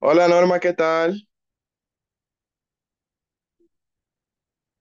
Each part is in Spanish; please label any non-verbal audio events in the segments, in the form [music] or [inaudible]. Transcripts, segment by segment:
Hola Norma, ¿qué tal?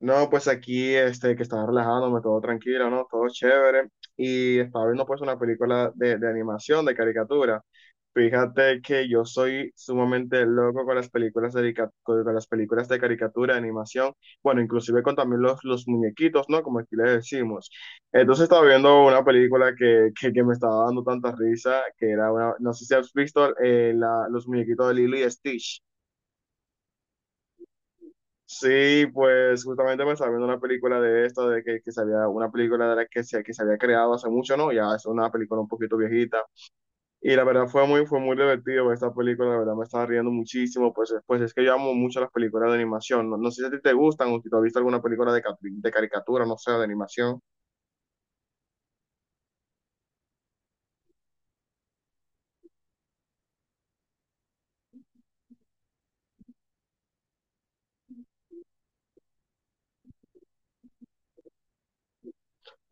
No, pues aquí que estaba relajándome, todo tranquilo, ¿no? Todo chévere. Y estaba viendo pues una película de animación, de caricatura. Fíjate que yo soy sumamente loco con las películas con las películas de caricatura, de animación, bueno, inclusive con también los muñequitos, ¿no? Como aquí le decimos. Entonces estaba viendo una película que me estaba dando tanta risa, que era una, no sé si has visto los muñequitos de Lilo y Stitch. Sí, pues justamente me estaba viendo una película de esto de que se había, una película de la que se había creado hace mucho, ¿no? Ya es una película un poquito viejita. Y la verdad fue muy divertido ver esta película, la verdad me estaba riendo muchísimo, pues es que yo amo mucho las películas de animación. No, no sé si a ti te gustan o si tú has visto alguna película de caricatura, no sé, de animación.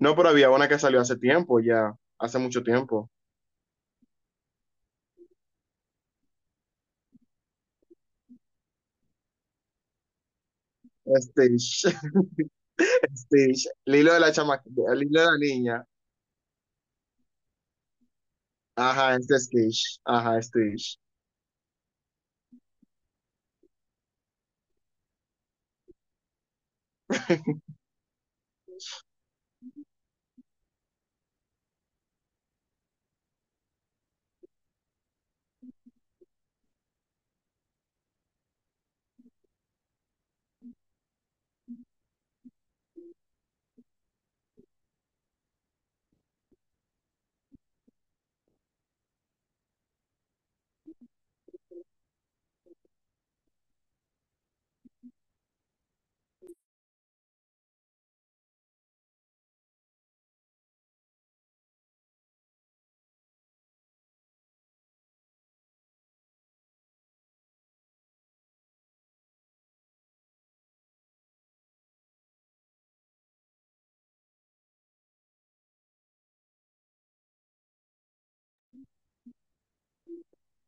No, pero había una que salió hace tiempo, ya, hace mucho tiempo. Stitch, [laughs] Stitch, Lilo de la chama, Lilo de la niña. Ajá, este Stitch, ajá, Stitch. [laughs]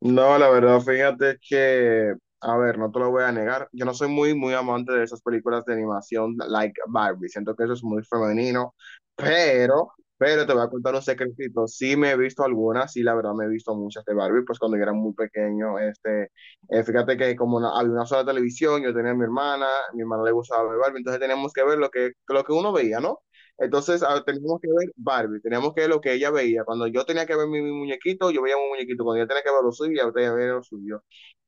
No, la verdad, fíjate que, a ver, no te lo voy a negar, yo no soy muy, muy amante de esas películas de animación like Barbie, siento que eso es muy femenino, pero, pero te voy a contar un secretito, sí me he visto algunas, sí, la verdad me he visto muchas de Barbie, pues cuando yo era muy pequeño, fíjate que había una sola televisión, yo tenía a mi hermana le gustaba ver Barbie, entonces teníamos que ver lo que uno veía, ¿no? Entonces, ah, teníamos que ver Barbie, teníamos que ver lo que ella veía. Cuando yo tenía que ver mi muñequito, yo veía mi muñequito. Cuando ella tenía que ver lo suyo, ella tenía que ver lo suyo.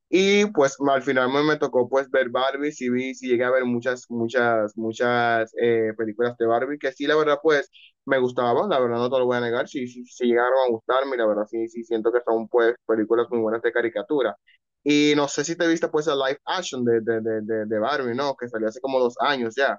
Y pues al final me tocó pues ver Barbie, sí vi, sí llegué a ver muchas, muchas, muchas películas de Barbie, que sí, la verdad, pues me gustaban, la verdad no te lo voy a negar, sí, sí, sí llegaron a gustarme, y la verdad sí, sí siento que son pues películas muy buenas de caricatura. Y no sé si te viste pues el live action de Barbie, ¿no? Que salió hace como 2 años ya.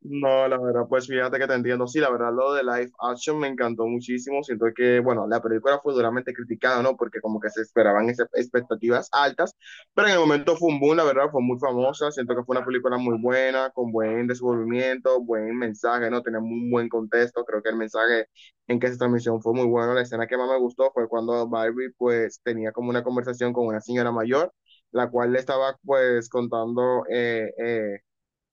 No, la verdad, pues fíjate que te entiendo. Sí, la verdad, lo de live action me encantó muchísimo. Siento que, bueno, la película fue duramente criticada, ¿no? Porque como que se esperaban expectativas altas, pero en el momento fue un boom, la verdad, fue muy famosa. Siento que fue una película muy buena, con buen desenvolvimiento, buen mensaje, ¿no? Tenía un buen contexto. Creo que el mensaje en que se transmisión fue muy bueno. La escena que más me gustó fue cuando Barbie, pues, tenía como una conversación con una señora mayor, la cual le estaba, pues, contando, eh, eh,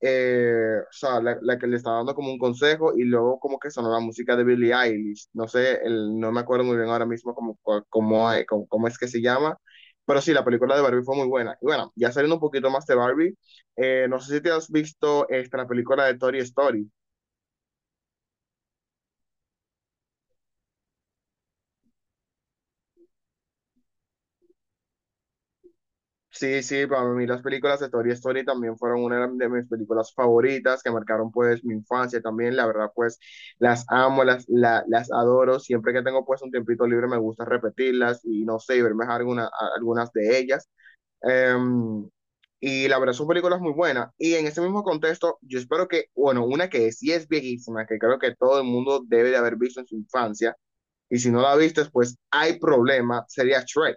eh, o sea, la que le estaba dando como un consejo y luego como que sonó la música de Billie Eilish. No sé, no me acuerdo muy bien ahora mismo cómo es que se llama, pero sí, la película de Barbie fue muy buena. Y bueno, ya saliendo un poquito más de Barbie, no sé si te has visto esta, la película de Toy Story. Sí, sí, para mí las películas de Toy Story también fueron una de mis películas favoritas que marcaron pues mi infancia también, la verdad pues las amo, las adoro, siempre que tengo pues un tiempito libre me gusta repetirlas y no sé, y verme alguna, algunas de ellas. Em, y la verdad son películas muy buenas y en ese mismo contexto yo espero que, bueno, una que sí es viejísima, que creo que todo el mundo debe de haber visto en su infancia y si no la viste pues hay problema, sería Shrek.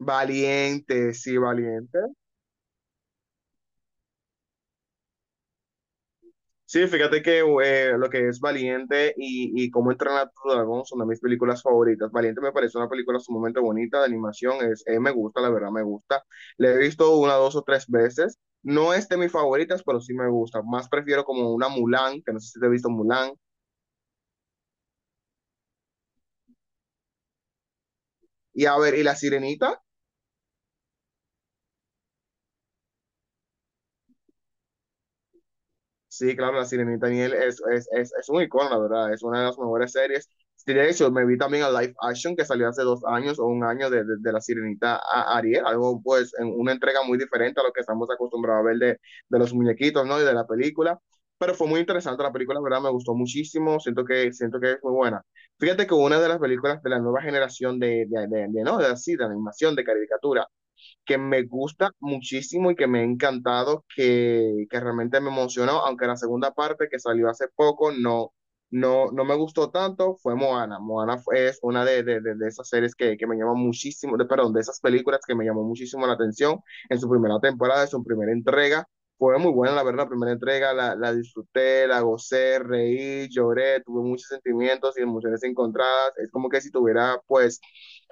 Valiente. Sí, fíjate que lo que es Valiente y Cómo entrenar a tu dragón son de mis películas favoritas. Valiente me parece una película sumamente bonita de animación, me gusta, la verdad me gusta. La he visto una, dos o tres veces. No es de mis favoritas, pero sí me gusta. Más prefiero como una Mulan, que no sé si te he visto Mulan. Y a ver, ¿y La Sirenita? Sí, claro, La Sirenita Niel es un icono, la verdad, es una de las mejores series. Sí, de hecho, me vi también a Live Action que salió hace 2 años o un año de La Sirenita a Ariel, algo pues en una entrega muy diferente a lo que estamos acostumbrados a ver de los muñequitos, ¿no? Y de la película. Pero fue muy interesante la película, la verdad, me gustó muchísimo, siento que es muy buena. Fíjate que una de las películas de la nueva generación de, ¿no? De así, de animación, de caricatura, que me gusta muchísimo y que me ha encantado, que realmente me emocionó, aunque la segunda parte que salió hace poco no, no, no me gustó tanto, fue Moana. Moana es una de esas series que me llamó muchísimo, de, perdón, de esas películas que me llamó muchísimo la atención en su primera temporada, en su primera entrega. Fue muy buena, la verdad, la primera entrega, la disfruté, la gocé, reí, lloré, tuve muchos sentimientos y emociones encontradas. Es como que si tuviera, pues,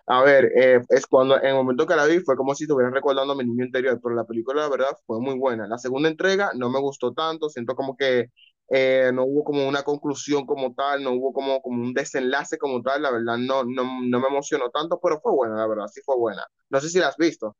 a ver, es cuando en el momento que la vi fue como si estuviera recordando a mi niño interior, pero la película, la verdad, fue muy buena. La segunda entrega no me gustó tanto, siento como que no hubo como una conclusión como tal, no hubo como un desenlace como tal, la verdad, no, no, no me emocionó tanto, pero fue buena, la verdad, sí fue buena. No sé si la has visto.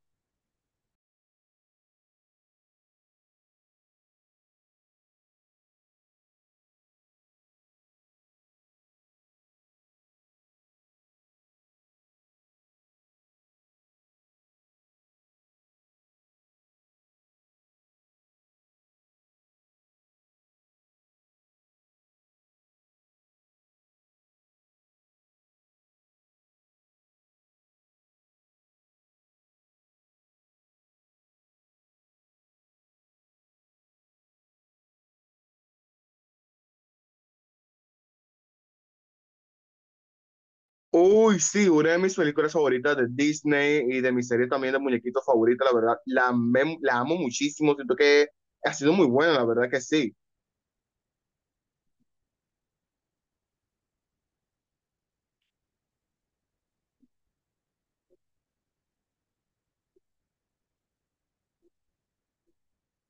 Uy, sí, una de mis películas favoritas de Disney y de mi serie también de muñequitos favorita, la verdad, la amo muchísimo, siento que ha sido muy buena, la verdad que sí.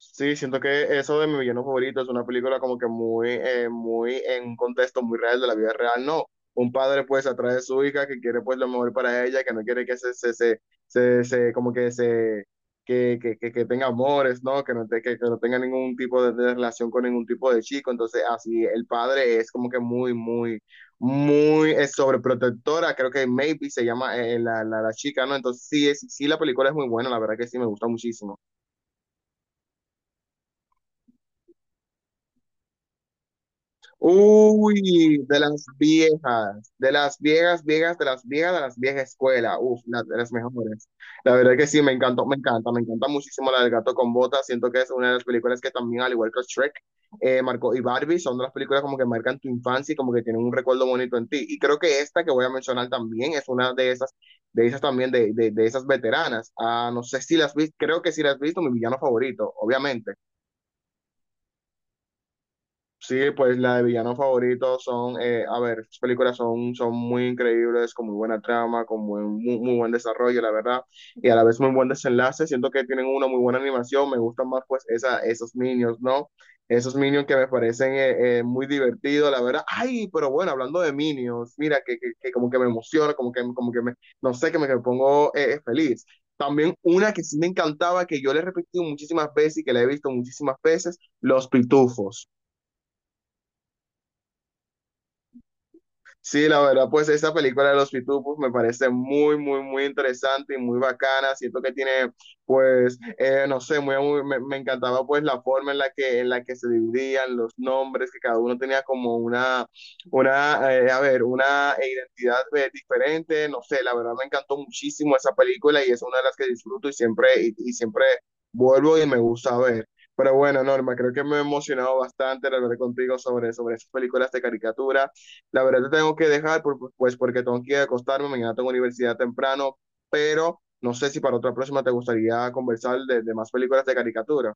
Sí, siento que eso de mi villano favorito es una película como que muy en un contexto muy real de la vida real, no. Un padre pues atrae a su hija que quiere pues lo mejor para ella, que no quiere que como que se, que tenga amores, ¿no? Que no, que no tenga ningún tipo de relación con ningún tipo de chico. Entonces así el padre es como que muy, muy, muy sobreprotectora. Creo que Maybe se llama la chica, ¿no? Entonces sí, sí, la película es muy buena, la verdad que sí, me gusta muchísimo. Uy, de las viejas, viejas, de las viejas, de las viejas escuela. Uf, de las mejores. La verdad que sí, me encantó, me encanta muchísimo la del gato con botas. Siento que es una de las películas que también, al igual que Shrek, marcó y Barbie, son de las películas como que marcan tu infancia y como que tienen un recuerdo bonito en ti. Y creo que esta que voy a mencionar también es una de esas también, de esas veteranas. Ah, no sé si las viste, creo que sí las has visto, mi villano favorito, obviamente. Sí, pues la de villano favorito son, a ver, sus películas son, muy increíbles, con muy buena trama, muy, muy buen desarrollo, la verdad, y a la vez muy buen desenlace. Siento que tienen una muy buena animación, me gustan más pues esos minions, ¿no? Esos minions que me parecen muy divertidos, la verdad. Ay, pero bueno, hablando de minions mira, que como que me emociona, como que me, no sé, que me pongo feliz. También una que sí me encantaba, que yo le he repetido muchísimas veces y que la he visto muchísimas veces, Los Pitufos. Sí, la verdad, pues esta película de los Pitufos me parece muy, muy, muy interesante y muy bacana. Siento que tiene, pues, no sé, me encantaba pues la forma en la que, se dividían los nombres, que cada uno tenía como a ver, una identidad diferente. No sé, la verdad me encantó muchísimo esa película y es una de las que disfruto y siempre, y siempre vuelvo y me gusta ver. Pero bueno, Norma, creo que me he emocionado bastante al hablar contigo sobre esas películas de caricatura. La verdad te tengo que dejar, pues porque tengo que ir a acostarme, mañana tengo universidad temprano, pero no sé si para otra próxima te gustaría conversar de más películas de caricatura.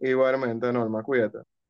Igualmente, Norma, cuídate.